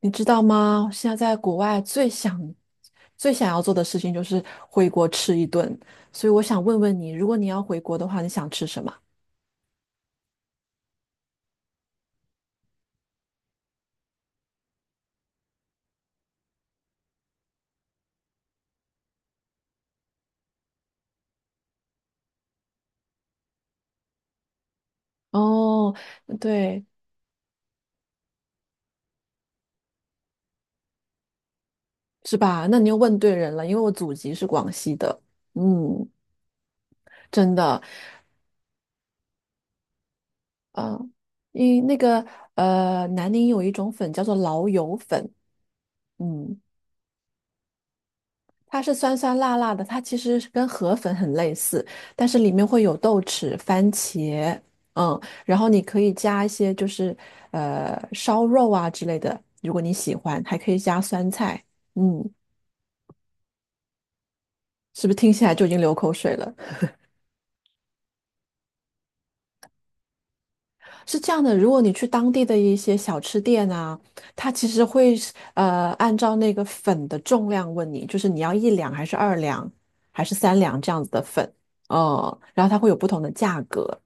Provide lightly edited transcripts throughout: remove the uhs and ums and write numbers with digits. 你知道吗？现在在国外最想、最想要做的事情就是回国吃一顿，所以我想问问你，如果你要回国的话，你想吃什么？哦，对，是吧？那你又问对人了，因为我祖籍是广西的。嗯，真的。嗯、因为南宁有一种粉叫做老友粉。嗯，它是酸酸辣辣的，它其实是跟河粉很类似，但是里面会有豆豉、番茄。嗯，然后你可以加一些烧肉啊之类的，如果你喜欢，还可以加酸菜。嗯，是不是听起来就已经流口水了？是这样的，如果你去当地的一些小吃店啊，它其实会是按照那个粉的重量问你，就是你要一两还是二两还是三两这样子的粉，嗯，然后它会有不同的价格。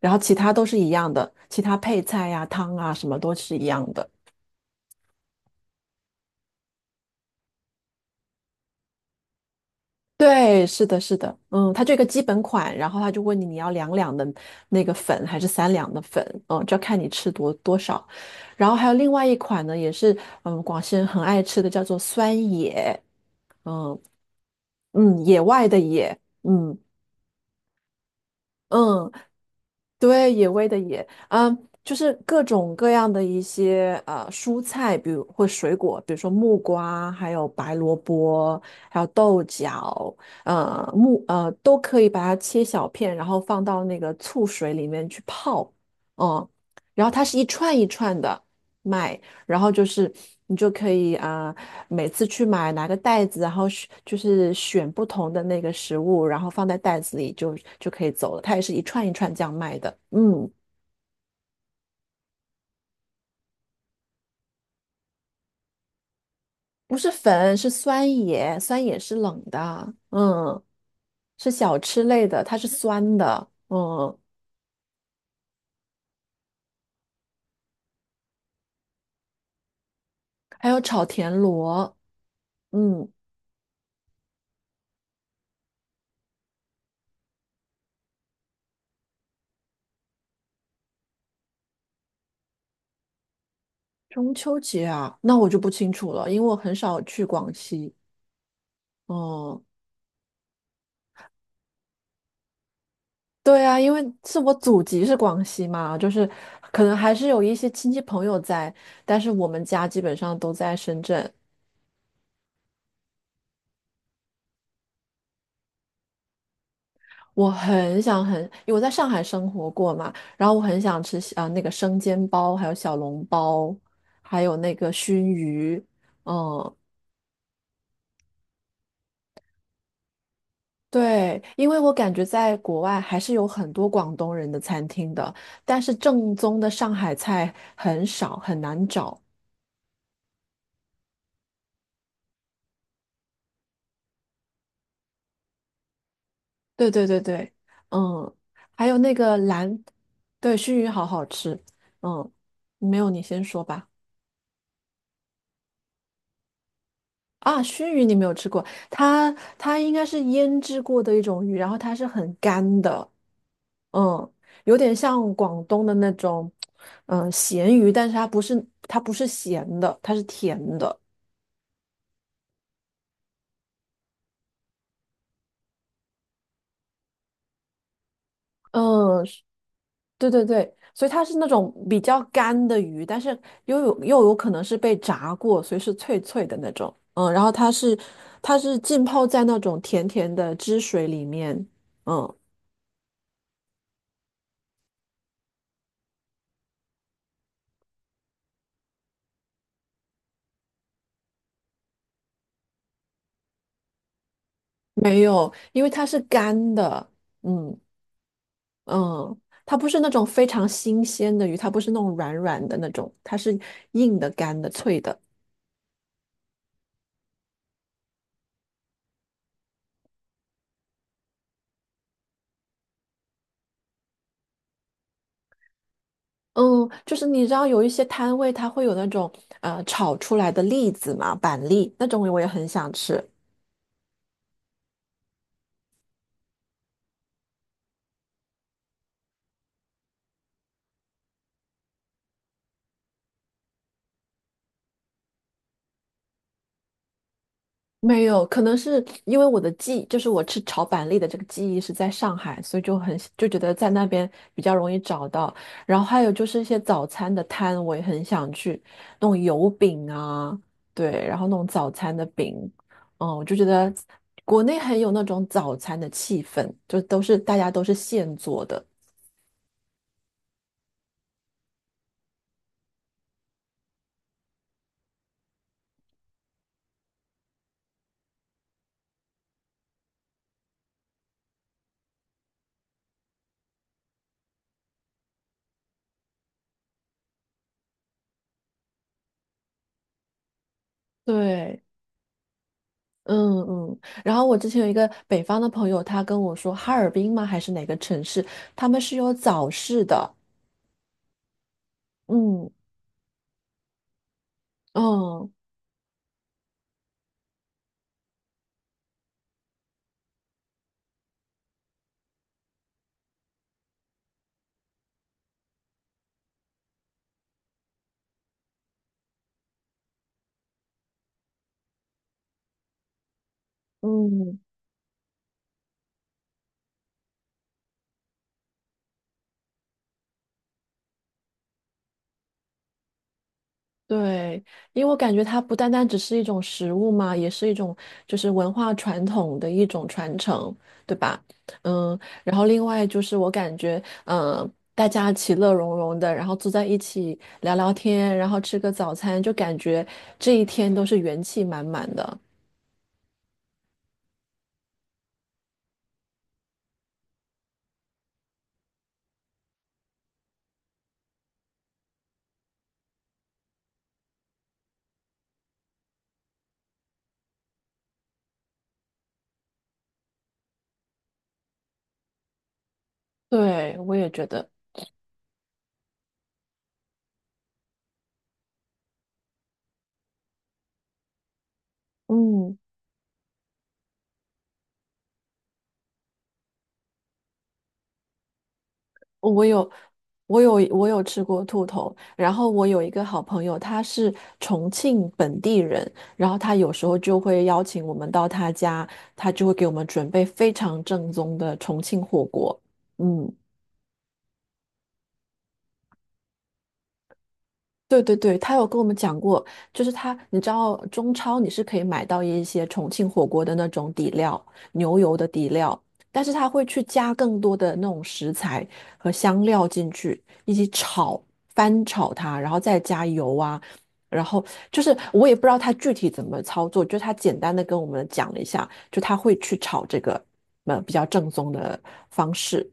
然后其他都是一样的，其他配菜呀、汤啊什么都是一样的。对，是的，是的。嗯，它这个基本款，然后他就问你你要两两的那个粉还是三两的粉，嗯，就要看你吃多多少。然后还有另外一款呢，也是广西人很爱吃的，叫做酸野。嗯，嗯，野外的野。嗯。嗯，对，野味的野，嗯，就是各种各样的一些蔬菜，比如或水果，比如说木瓜，还有白萝卜，还有豆角，呃木呃都可以把它切小片，然后放到那个醋水里面去泡。嗯，然后它是一串一串的卖，然后就是你就可以啊、每次去买拿个袋子，然后选就是选不同的那个食物，然后放在袋子里就可以走了。它也是一串一串这样卖的。嗯，不是粉，是酸野，酸野是冷的。嗯，是小吃类的，它是酸的。嗯，还有炒田螺。嗯，中秋节啊，那我就不清楚了，因为我很少去广西。嗯。对啊，因为是我祖籍是广西嘛，就是可能还是有一些亲戚朋友在，但是我们家基本上都在深圳。我很想很，因为我在上海生活过嘛，然后我很想吃啊、那个生煎包，还有小笼包，还有那个熏鱼。嗯。对，因为我感觉在国外还是有很多广东人的餐厅的，但是正宗的上海菜很少，很难找。对对对对。嗯，还有那个蓝。对，熏鱼好好吃。嗯，没有，你先说吧。啊，熏鱼你没有吃过。它它应该是腌制过的一种鱼，然后它是很干的。嗯，有点像广东的那种嗯，咸鱼，但是它不是咸的，它是甜的。嗯，对对对，所以它是那种比较干的鱼，但是又有可能是被炸过，所以是脆脆的那种。嗯，然后它是浸泡在那种甜甜的汁水里面。嗯，没有，因为它是干的。嗯嗯，它不是那种非常新鲜的鱼，它不是那种软软的那种，它是硬的、干的、脆的。嗯，就是你知道有一些摊位它会有那种炒出来的栗子嘛，板栗那种我也很想吃。没有，可能是因为我的记忆，就是我吃炒板栗的这个记忆是在上海，所以就很就觉得在那边比较容易找到。然后还有就是一些早餐的摊，我也很想去，那种油饼啊。对，然后那种早餐的饼。嗯，我就觉得国内很有那种早餐的气氛，就都是大家都是现做的。对。嗯嗯，然后我之前有一个北方的朋友，他跟我说，哈尔滨吗？还是哪个城市？他们是有早市的。嗯。嗯嗯，对，因为我感觉它不单单只是一种食物嘛，也是一种就是文化传统的一种传承，对吧？嗯，然后另外就是我感觉，大家其乐融融的，然后坐在一起聊聊天，然后吃个早餐，就感觉这一天都是元气满满的。对，我也觉得。嗯。我有，我有，我有吃过兔头。然后我有一个好朋友，他是重庆本地人，然后他有时候就会邀请我们到他家，他就会给我们准备非常正宗的重庆火锅。嗯，对对对，他有跟我们讲过。就是他，你知道中超你是可以买到一些重庆火锅的那种底料，牛油的底料，但是他会去加更多的那种食材和香料进去，一起炒，翻炒它，然后再加油啊，然后就是我也不知道他具体怎么操作，就他简单的跟我们讲了一下，就他会去炒这个，比较正宗的方式。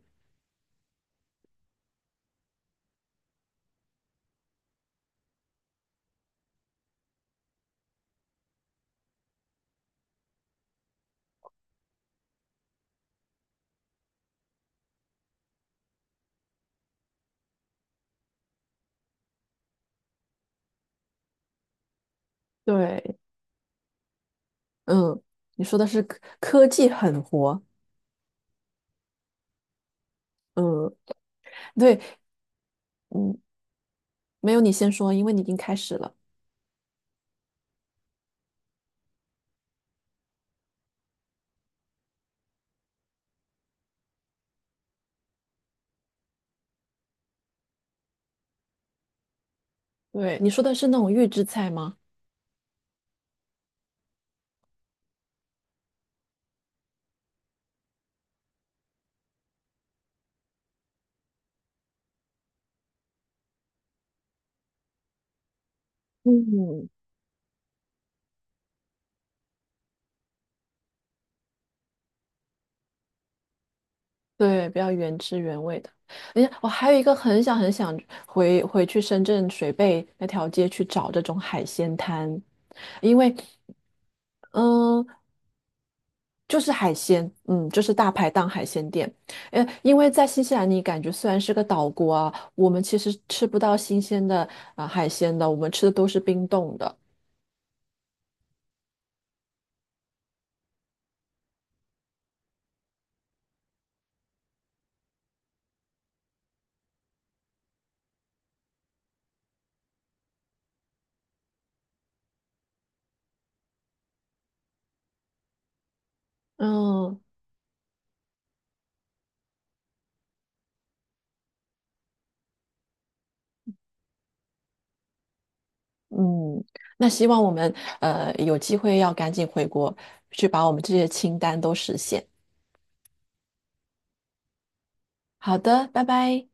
对，嗯，你说的是科技狠活。嗯，对。嗯，没有，你先说，因为你已经开始了。对，你说的是那种预制菜吗？嗯，对，比较原汁原味的。哎呀，我还有一个很想回去深圳水贝那条街去找这种海鲜摊。因为嗯，就是海鲜，嗯，就是大排档海鲜店。因为在新西兰，你感觉虽然是个岛国啊，我们其实吃不到新鲜的啊、海鲜的，我们吃的都是冰冻的。嗯，嗯，那希望我们有机会要赶紧回国，去把我们这些清单都实现。好的，拜拜。